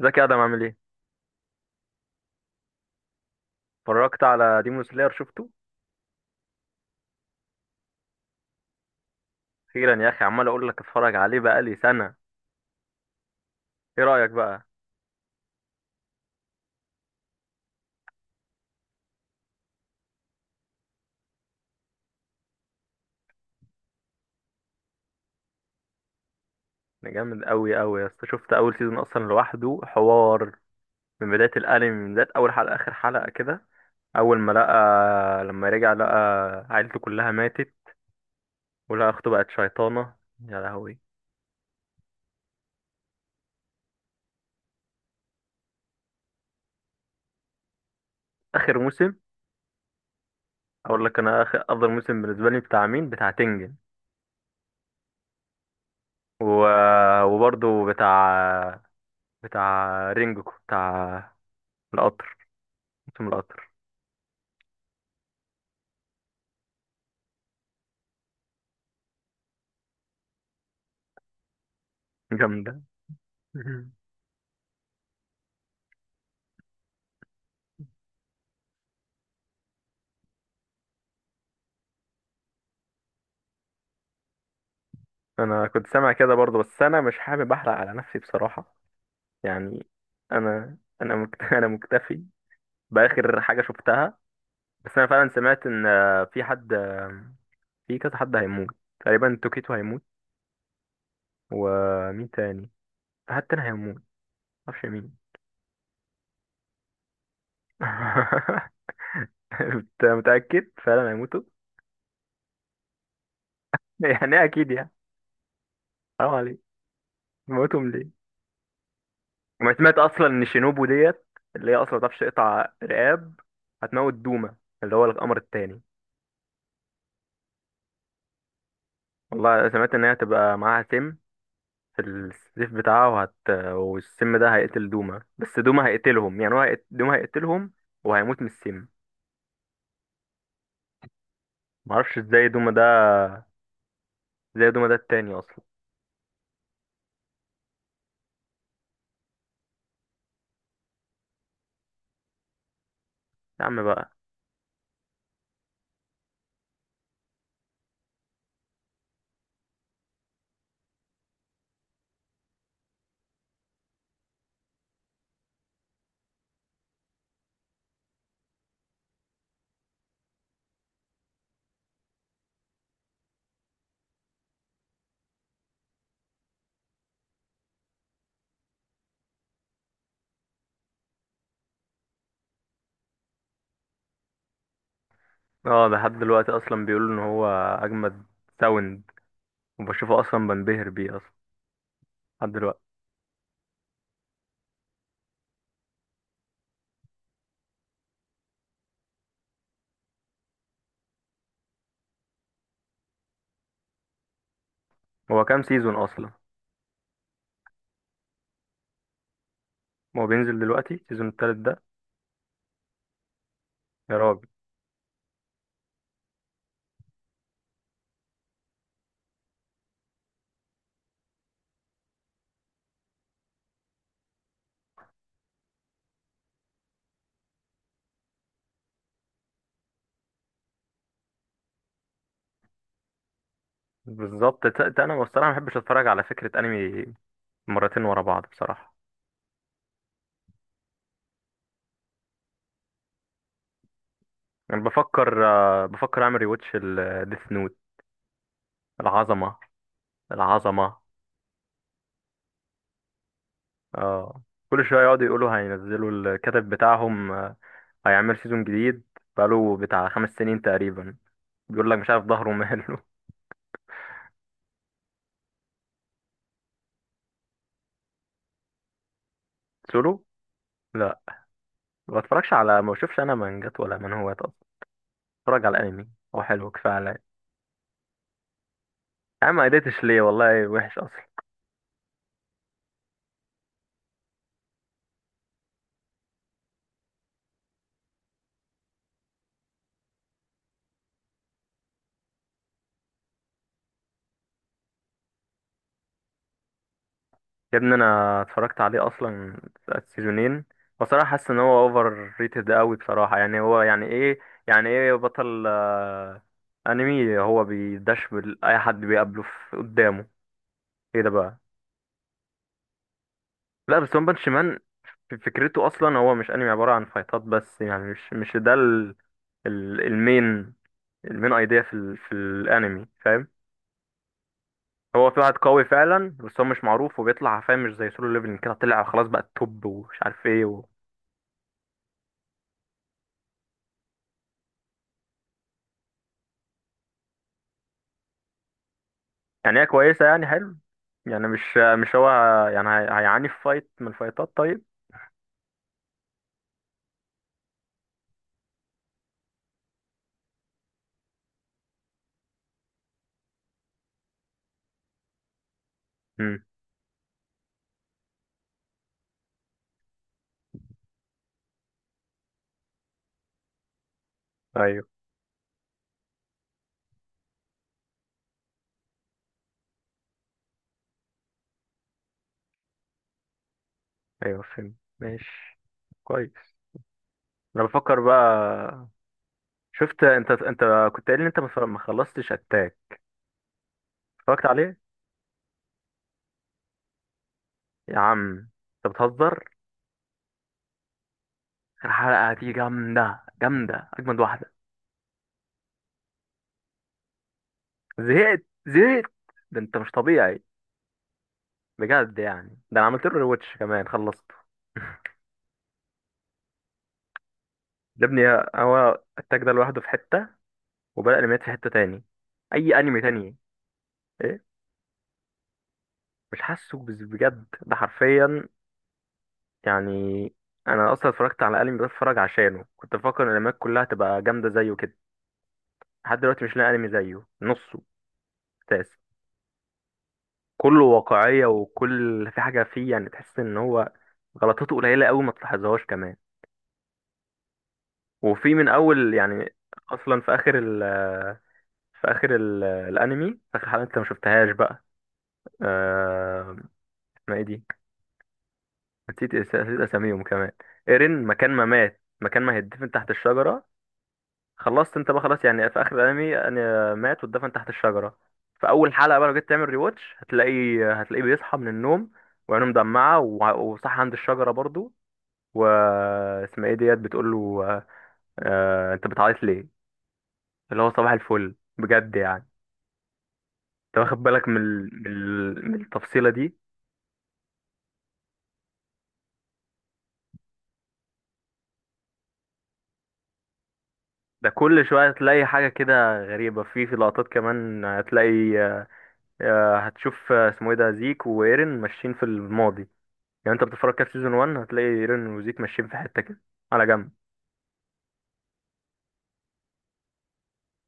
ازيك يا ادم، عامل ايه؟ اتفرجت على ديمون سلاير؟ شفته؟ اخيرا يا اخي، عمال اقول لك اتفرج عليه بقالي سنه. ايه رايك بقى؟ ده جامد قوي قوي يا اسطى، شفت اول سيزون اصلا لوحده حوار، من بدايه الانمي، من بدايه اول حلقه اخر حلقه كده. اول ما لقى، لما رجع لقى عيلته كلها ماتت، ولقى اخته بقت شيطانه. يا لهوي. اخر موسم. اقول لك انا اخر افضل موسم بالنسبه لي بتاع مين؟ بتاع تنجن. و... وبرضه بتاع رينجوكو، بتاع القطر، موسم القطر. جامدة. مهم. انا كنت سامع كده برضه، بس انا مش حابب احرق على نفسي بصراحه. يعني انا انا مكتفي باخر حاجه شفتها. بس انا فعلا سمعت ان في حد في كذا حد هيموت، تقريبا توكيتو هيموت. ومين تاني؟ في حد تاني هيموت، معرفش مين. انت متاكد فعلا هيموتوا؟ يعني إيه اكيد يعني؟ حرام عليك، موتهم ليه؟ وما سمعت اصلا ان شينوبو ديت، اللي هي اصلا ما بتعرفش تقطع رقاب، هتموت دوما اللي هو القمر التاني. والله سمعت ان هي هتبقى معاها سم في السيف بتاعها، والسم ده هيقتل دوما. بس دوما هيقتلهم، يعني هو دوما هيقتلهم وهيموت من السم. معرفش ازاي دوما ده التاني اصلا. يا عم بقى. اه ده لحد دلوقتي اصلا بيقولوا ان هو اجمد ساوند، وبشوفه اصلا بنبهر بيه اصلا لحد دلوقتي. هو كام سيزون اصلا؟ هو بينزل دلوقتي السيزون التالت ده؟ يا راجل. بالظبط. انا بصراحه ما بحبش اتفرج على فكره انمي مرتين ورا بعض بصراحه. انا بفكر بفكر اعمل ريواتش الديث نوت. العظمه، العظمه. اه، كل شويه يقعدوا يقولوا هينزلوا الكاتب بتاعهم هيعمل سيزون جديد، بقاله بتاع خمس سنين تقريبا، بيقول لك مش عارف ظهره ماله. سولو. لا، ما بتفرجش على، ما بشوفش انا مانجات ولا منهوات اصلا، بتفرج على الانمي، هو حلو كفايه عليا. يا عم ما قدرتش ليه، والله وحش اصلا. يا ابني انا اتفرجت عليه اصلا السيزونين، بصراحه حاسس ان هو اوفر ريتد قوي بصراحه، يعني هو يعني ايه؟ يعني ايه بطل انمي هو بيدش اي حد بيقابله في قدامه؟ ايه ده بقى؟ لا بس ون بانش مان. فكرته اصلا هو مش انمي عباره عن فايتات بس، يعني مش ده المين، المين ايديا في ال في الانمي، فاهم؟ هو في واحد قوي فعلا بس هو مش معروف وبيطلع، فاهم؟ مش زي سولو ليفلنج كده طلع خلاص بقى التوب ومش عارف ايه. يعني هي كويسة، يعني حلو، يعني مش، مش هو، يعني هي، هيعاني في فايت من الفايتات طيب. امم. ايوه. ايوه فهمت، ماشي، كويس. انا بفكر بقى. شفت انت، انت كنت قايل ان انت ما خلصتش اتاك، اتفرجت عليه؟ يا عم انت بتهزر. الحلقة دي جامدة، جامدة، اجمد واحدة. زهقت، زهقت. ده انت مش طبيعي بجد، يعني ده انا عملت له ريواتش كمان، خلصته. يا ابني، هو التاج ده لوحده في حتة، وبدأ الانميات في حتة تاني. اي انمي تاني؟ ايه؟ مش حاسه بجد، ده حرفيا يعني. انا اصلا اتفرجت على انمي بتفرج عشانه، كنت بفكر ان الانميات كلها تبقى جامده زيه كده. لحد دلوقتي مش لاقي انمي زيه نصه. اساس، كله واقعيه، وكل في حاجه فيه يعني تحس ان هو غلطاته قليله قوي، ما تلاحظهاش كمان، وفي من اول يعني. اصلا في اخر ال الانمي في اخر حلقه، انت ما شفتهاش بقى؟ آه... ما ايه دي؟ نسيت نسيت اساميهم كمان. ايرين مكان ما مات، مكان ما هيدفن تحت الشجره. خلصت انت بقى، خلاص. يعني في اخر الانمي انا مات واتدفن تحت الشجره. في اول حلقه بقى، لو جيت تعمل ريواتش هتلاقي، هتلاقيه بيصحى من النوم وعينه مدمعه وصح عند الشجره برضو، و اسمها ايه، ديت بتقول له انت بتعيط ليه؟ اللي هو صباح الفل بجد يعني. انت واخد بالك من من التفصيله دي؟ ده كل شويه تلاقي حاجه كده غريبه في، في لقطات كمان هتلاقي هتشوف اسمه ايه ده، زيك وايرين ماشيين في الماضي. يعني انت بتتفرج كده في سيزون 1، هتلاقي رينو وزيك ماشيين في حتة كده على جنب.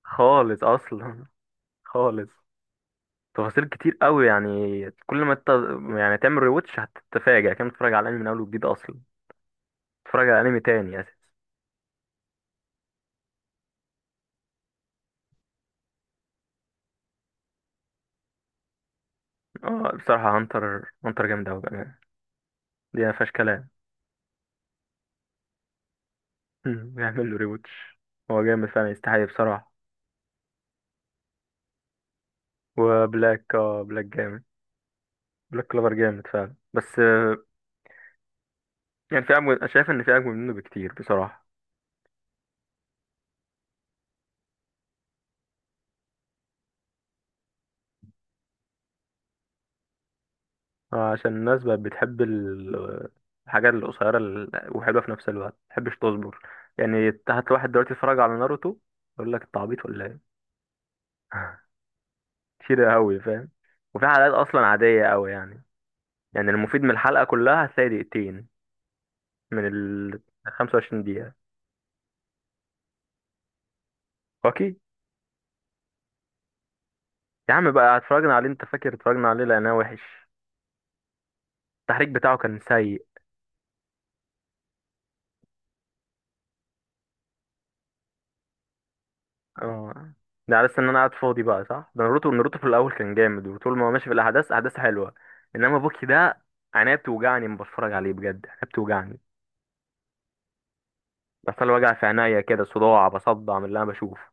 خالص اصلا. خالص. تفاصيل كتير قوي يعني. كل ما انت يعني تعمل ريوتش هتتفاجئ، كان بتتفرج على الانمي من اول وجديد اصلا، بتتفرج على انمي تاني اساسا. اه بصراحة هانتر هانتر جامد قوي بأمانة، دي ما فيهاش كلام. بيعمل له ريوتش. هو جامد فعلا يستحق بصراحة. وبلاك، اه بلاك جامد. بلاك كلوفر جامد فعلا، بس يعني في اجمل، أنا شايف ان في اجمل منه بكتير بصراحة. عشان الناس بقت بتحب الحاجات القصيرة وحلوة في نفس الوقت، متحبش تصبر. يعني تحت واحد دلوقتي يتفرج على ناروتو، يقول لك انت عبيط ولا ايه. كتير قوي، فاهم؟ وفي حلقات اصلا عادية قوي يعني، يعني المفيد من الحلقة كلها هتلاقي دقيقتين من ال 25 دقيقة. اوكي. يا عم بقى اتفرجنا عليه، انت فاكر اتفرجنا عليه لانه وحش، التحريك بتاعه كان سيء. اه ده على أساس ان انا قاعد فاضي بقى، صح؟ ده ناروتو، ناروتو في الاول كان جامد، وطول ما هو ماشي في الاحداث، احداث حلوه، انما بوكي ده عينيا بتوجعني لما بتفرج عليه بجد، عينيا بتوجعني، بحصل لي وجع في عينيا كده، صداع بصدع من اللي انا بشوفه.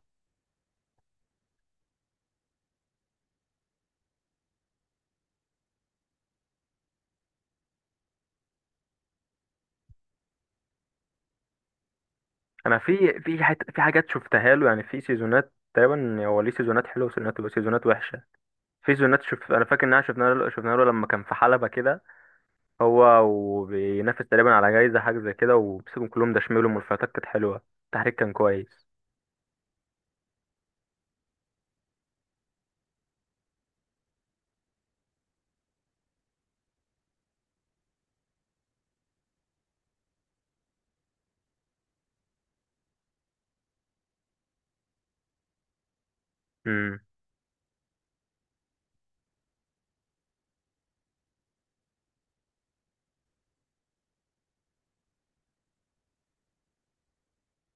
انا في في حاجات شفتها له، يعني في سيزونات تقريبا، هو ليه سيزونات حلوه وسيزونات، سيزونات وحشه. في سيزونات انا فاكر ان احنا شفنا له، شفنا له لما كان في حلبه كده، هو وبينافس تقريبا على جايزه حاجه زي كده، وبيسيبهم كلهم دشملهم، والفايتات كانت حلوه، التحريك كان كويس. امم.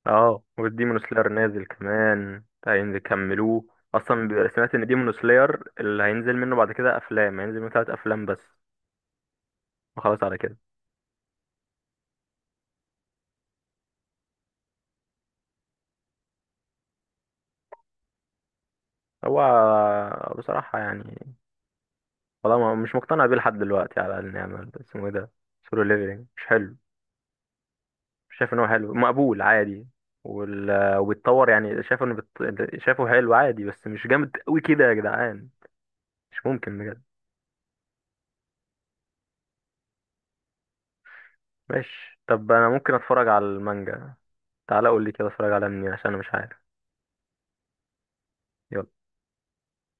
اه والديمون سلاير نازل كمان هيكملوه. اصلا بيبقى، سمعت ان ديمون سلاير اللي هينزل منه بعد كده افلام، هينزل منه ثلاث افلام بس وخلاص على كده. هو بصراحة يعني والله مش مقتنع بيه لحد دلوقتي، على الاقل نعمل اسمه ايه ده، سولو ليفلنج مش حلو، مش شايف ان هو حلو، مقبول عادي، وبيتطور، يعني شايف شايفه حلو عادي بس مش جامد قوي كده يا جدعان. مش ممكن بجد. ماشي طب انا ممكن اتفرج على المانجا. تعالى قول لي كده، اتفرج على منين عشان انا مش عارف.